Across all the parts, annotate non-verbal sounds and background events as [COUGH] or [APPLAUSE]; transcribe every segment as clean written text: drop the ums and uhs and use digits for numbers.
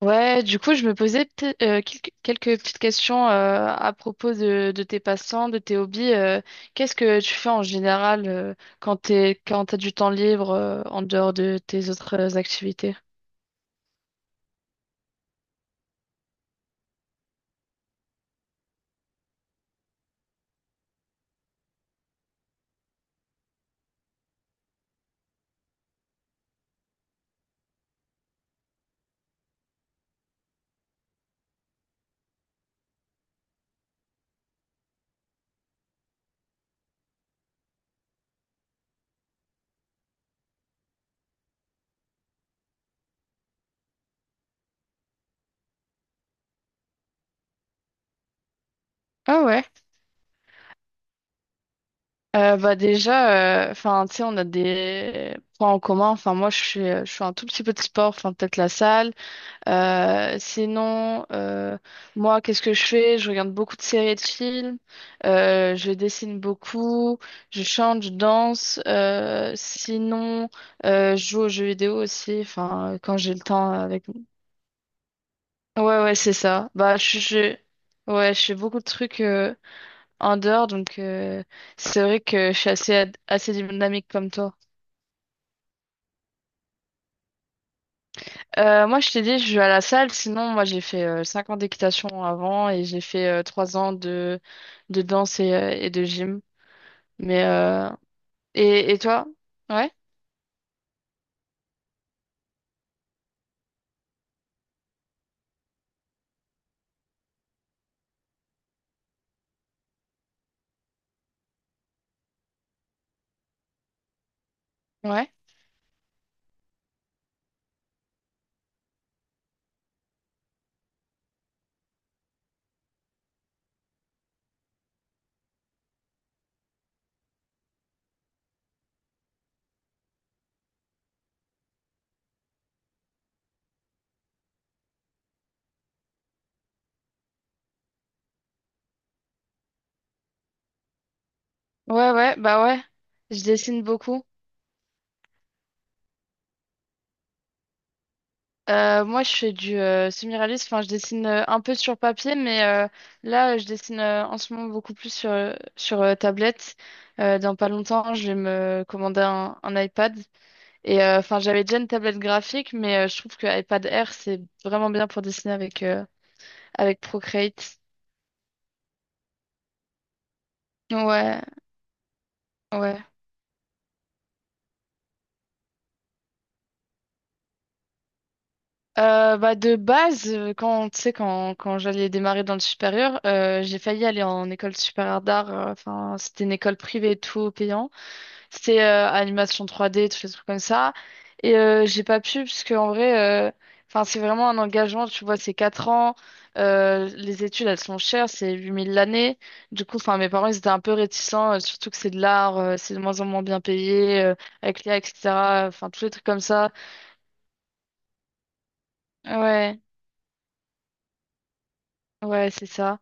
Je me posais quelques petites questions à propos de tes passants, de tes hobbies. Qu'est-ce que tu fais en général quand t'as du temps libre en dehors de tes autres activités? Ah ouais. Bah déjà, enfin, tu sais, on a des points en commun. Enfin, moi, je suis un tout petit peu de sport, enfin, peut-être la salle. Euh, sinon, euh, moi, qu'est-ce que je fais? Je regarde beaucoup de séries et de films. Je dessine beaucoup. Je chante, je danse. Je joue aux jeux vidéo aussi. Enfin, quand j'ai le temps avec. Ouais, ouais, c'est ça. Bah, je... ouais, je fais beaucoup de trucs. En dehors donc c'est vrai que je suis assez dynamique comme toi. Moi, je t'ai dit, je vais à la salle. Sinon, moi, j'ai fait 5 ans d'équitation avant et j'ai fait 3 ans de danse et de gym. Mais euh, et toi? Ouais, ouais, ouais, ouais, bah ouais. Je dessine beaucoup. Moi, je fais du semi-réaliste. Enfin, je dessine un peu sur papier, là, je dessine en ce moment beaucoup plus sur, tablette. Dans pas longtemps, je vais me commander un iPad. Enfin, j'avais déjà une tablette graphique, je trouve que iPad Air, c'est vraiment bien pour dessiner avec, avec Procreate. Ouais, ouais. Bah de base, quand tu sais quand quand j'allais démarrer dans le supérieur, j'ai failli aller en école supérieure d'art. Enfin, c'était une école privée et tout payant. C'était animation 3D, tous les trucs comme ça. J'ai pas pu, parce que en vrai, euh, enfin, c'est vraiment un engagement, tu vois, c'est 4 ans. Les études, elles sont chères, c'est 8 000 l'année. Du coup, enfin, mes parents, ils étaient un peu réticents, surtout que c'est de l'art, c'est de moins en moins bien payé, avec l'IA, etc. Enfin, tous les trucs comme ça. Ouais, ouais, c'est ça.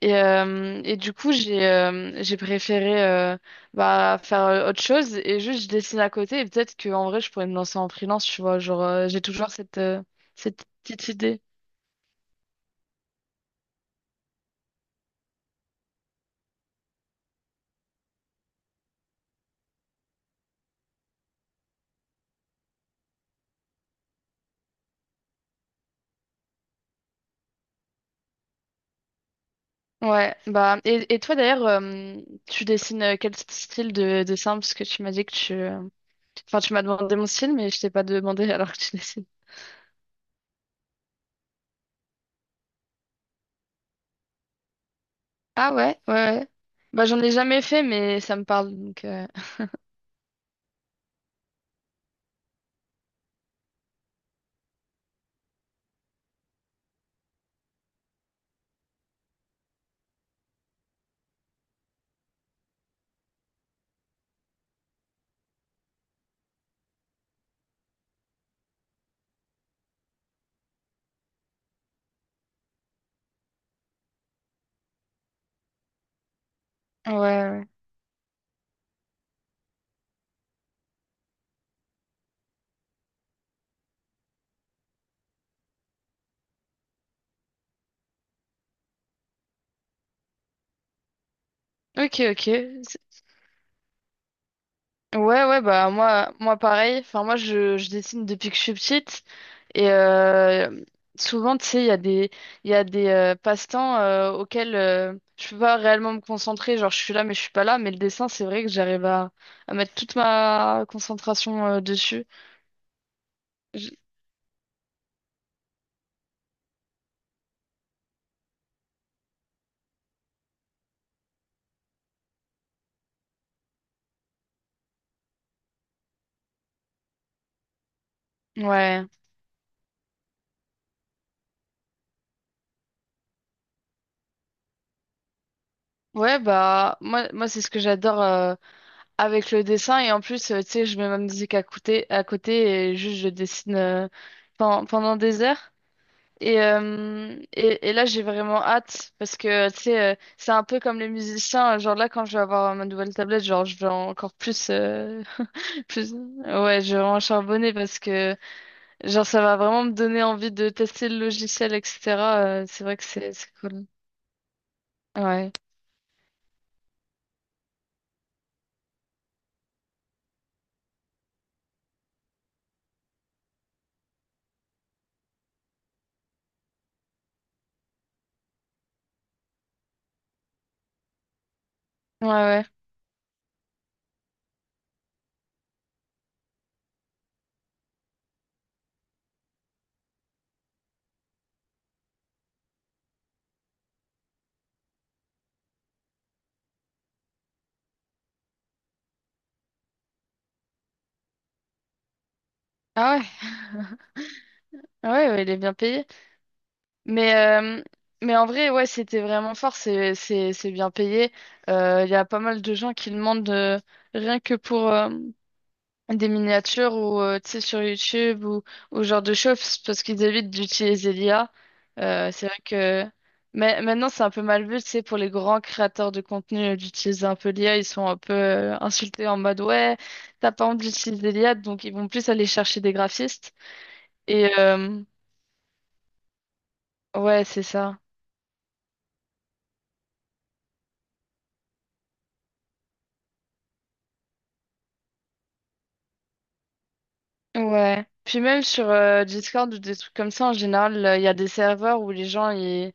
Et du coup, j'ai préféré faire autre chose et juste je dessine à côté et peut-être qu'en vrai, je pourrais me lancer en freelance, tu vois. Genre, j'ai toujours cette, cette petite idée. Ouais, bah, et toi d'ailleurs, tu dessines quel style de dessin? Parce que tu m'as dit que tu. Enfin, tu m'as demandé mon style, mais je t'ai pas demandé [LAUGHS] alors que tu dessines. Ah ouais, ouais, ouais. Bah, j'en ai jamais fait, mais ça me parle donc. Ouais, ouais. Ok, ok. Ouais, ouais, bah moi, moi pareil. Enfin, moi, je dessine depuis que je suis petite. Et euh, souvent, tu sais, il y a des passe-temps auxquels je peux pas réellement me concentrer. Genre, je suis là, mais je suis pas là. Mais le dessin, c'est vrai que j'arrive à mettre toute ma concentration dessus. Je- Ouais. Ouais, bah moi, moi c'est ce que j'adore avec le dessin. Et en plus, tu sais, je mets ma musique à côté et juste je dessine pendant des heures. Et, et là, j'ai vraiment hâte parce que, tu sais, c'est un peu comme les musiciens. Genre là, quand je vais avoir ma nouvelle tablette, genre, je vais encore plus, [LAUGHS] plus, ouais, je vais vraiment charbonner parce que, genre, ça va vraiment me donner envie de tester le logiciel, etc. C'est vrai que c'est cool. Ouais. Ouais, ouais. Ah ouais. Ah ouais, ouais, il est bien payé. Mais, euh, mais en vrai, ouais, c'était vraiment fort. C'est bien payé. Il y a pas mal de gens qui demandent, rien que pour, des miniatures ou tu sais sur YouTube ou genre de choses parce qu'ils évitent d'utiliser l'IA. C'est vrai que mais maintenant c'est un peu mal vu, tu sais, pour les grands créateurs de contenu d'utiliser un peu l'IA, ils sont un peu insultés en mode ouais, t'as pas honte d'utiliser l'IA, donc ils vont plus aller chercher des graphistes. Et euh, ouais, c'est ça. Ouais. Puis même sur Discord ou des trucs comme ça, en général, il y a des serveurs où les gens,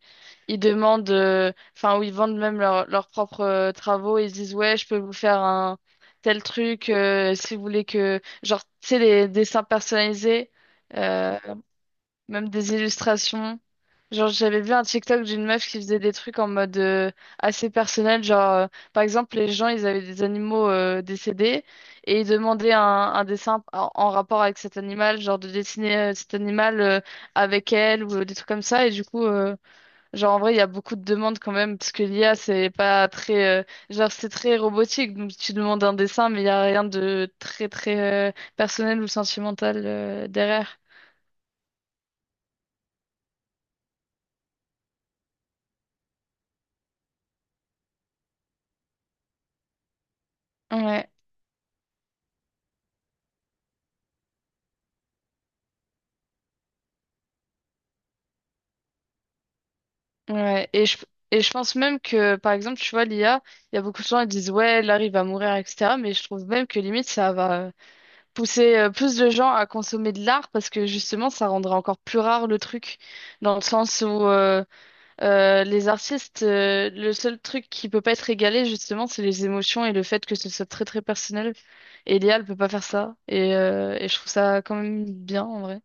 ils demandent, enfin, où ils vendent même leurs propres travaux et ils disent, ouais, je peux vous faire un tel truc, si vous voulez que, genre, tu sais, les dessins personnalisés. euh, même des illustrations. Genre, j'avais vu un TikTok d'une meuf qui faisait des trucs en mode assez personnel. Genre, par exemple, les gens, ils avaient des animaux décédés et ils demandaient un dessin en, en rapport avec cet animal, genre de dessiner cet animal avec elle ou des trucs comme ça. Et du coup, genre, en vrai, il y a beaucoup de demandes quand même parce que l'IA, c'est pas très, genre, c'est très robotique. Donc, tu demandes un dessin, mais il y a rien de très, très personnel ou sentimental derrière. Ouais. Ouais, et je, et je pense même que, par exemple, tu vois, l'IA, il y a beaucoup de gens qui disent, ouais, l'art, il va mourir, etc. Mais je trouve même que limite, ça va pousser plus de gens à consommer de l'art parce que justement, ça rendra encore plus rare le truc. Dans le sens où les artistes, le seul truc qui peut pas être égalé, justement, c'est les émotions et le fait que ce soit très, très personnel. Et l'IA, elle peut pas faire ça. Et je trouve ça quand même bien, en vrai.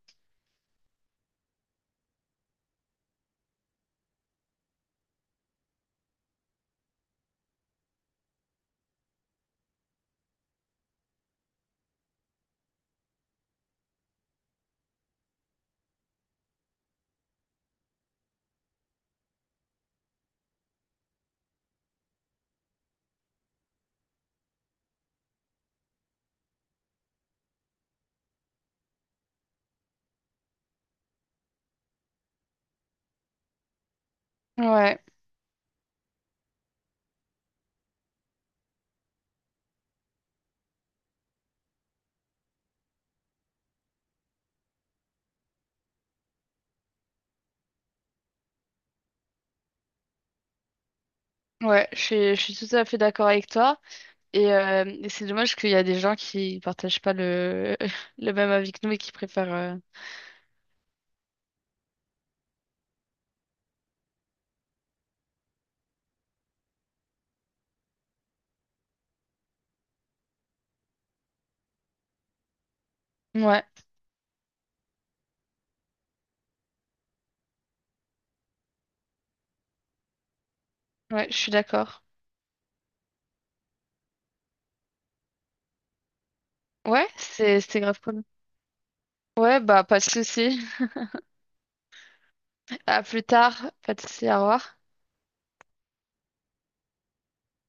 Ouais, ouais, je suis tout à fait d'accord avec toi. Et c'est dommage qu'il y a des gens qui partagent pas le, [LAUGHS] le même avis que nous et qui préfèrent. Ouais, ouais, je suis d'accord. Ouais, c'était grave cool. Ouais, bah, pas de souci. [LAUGHS] À plus tard. Pas de souci, au revoir.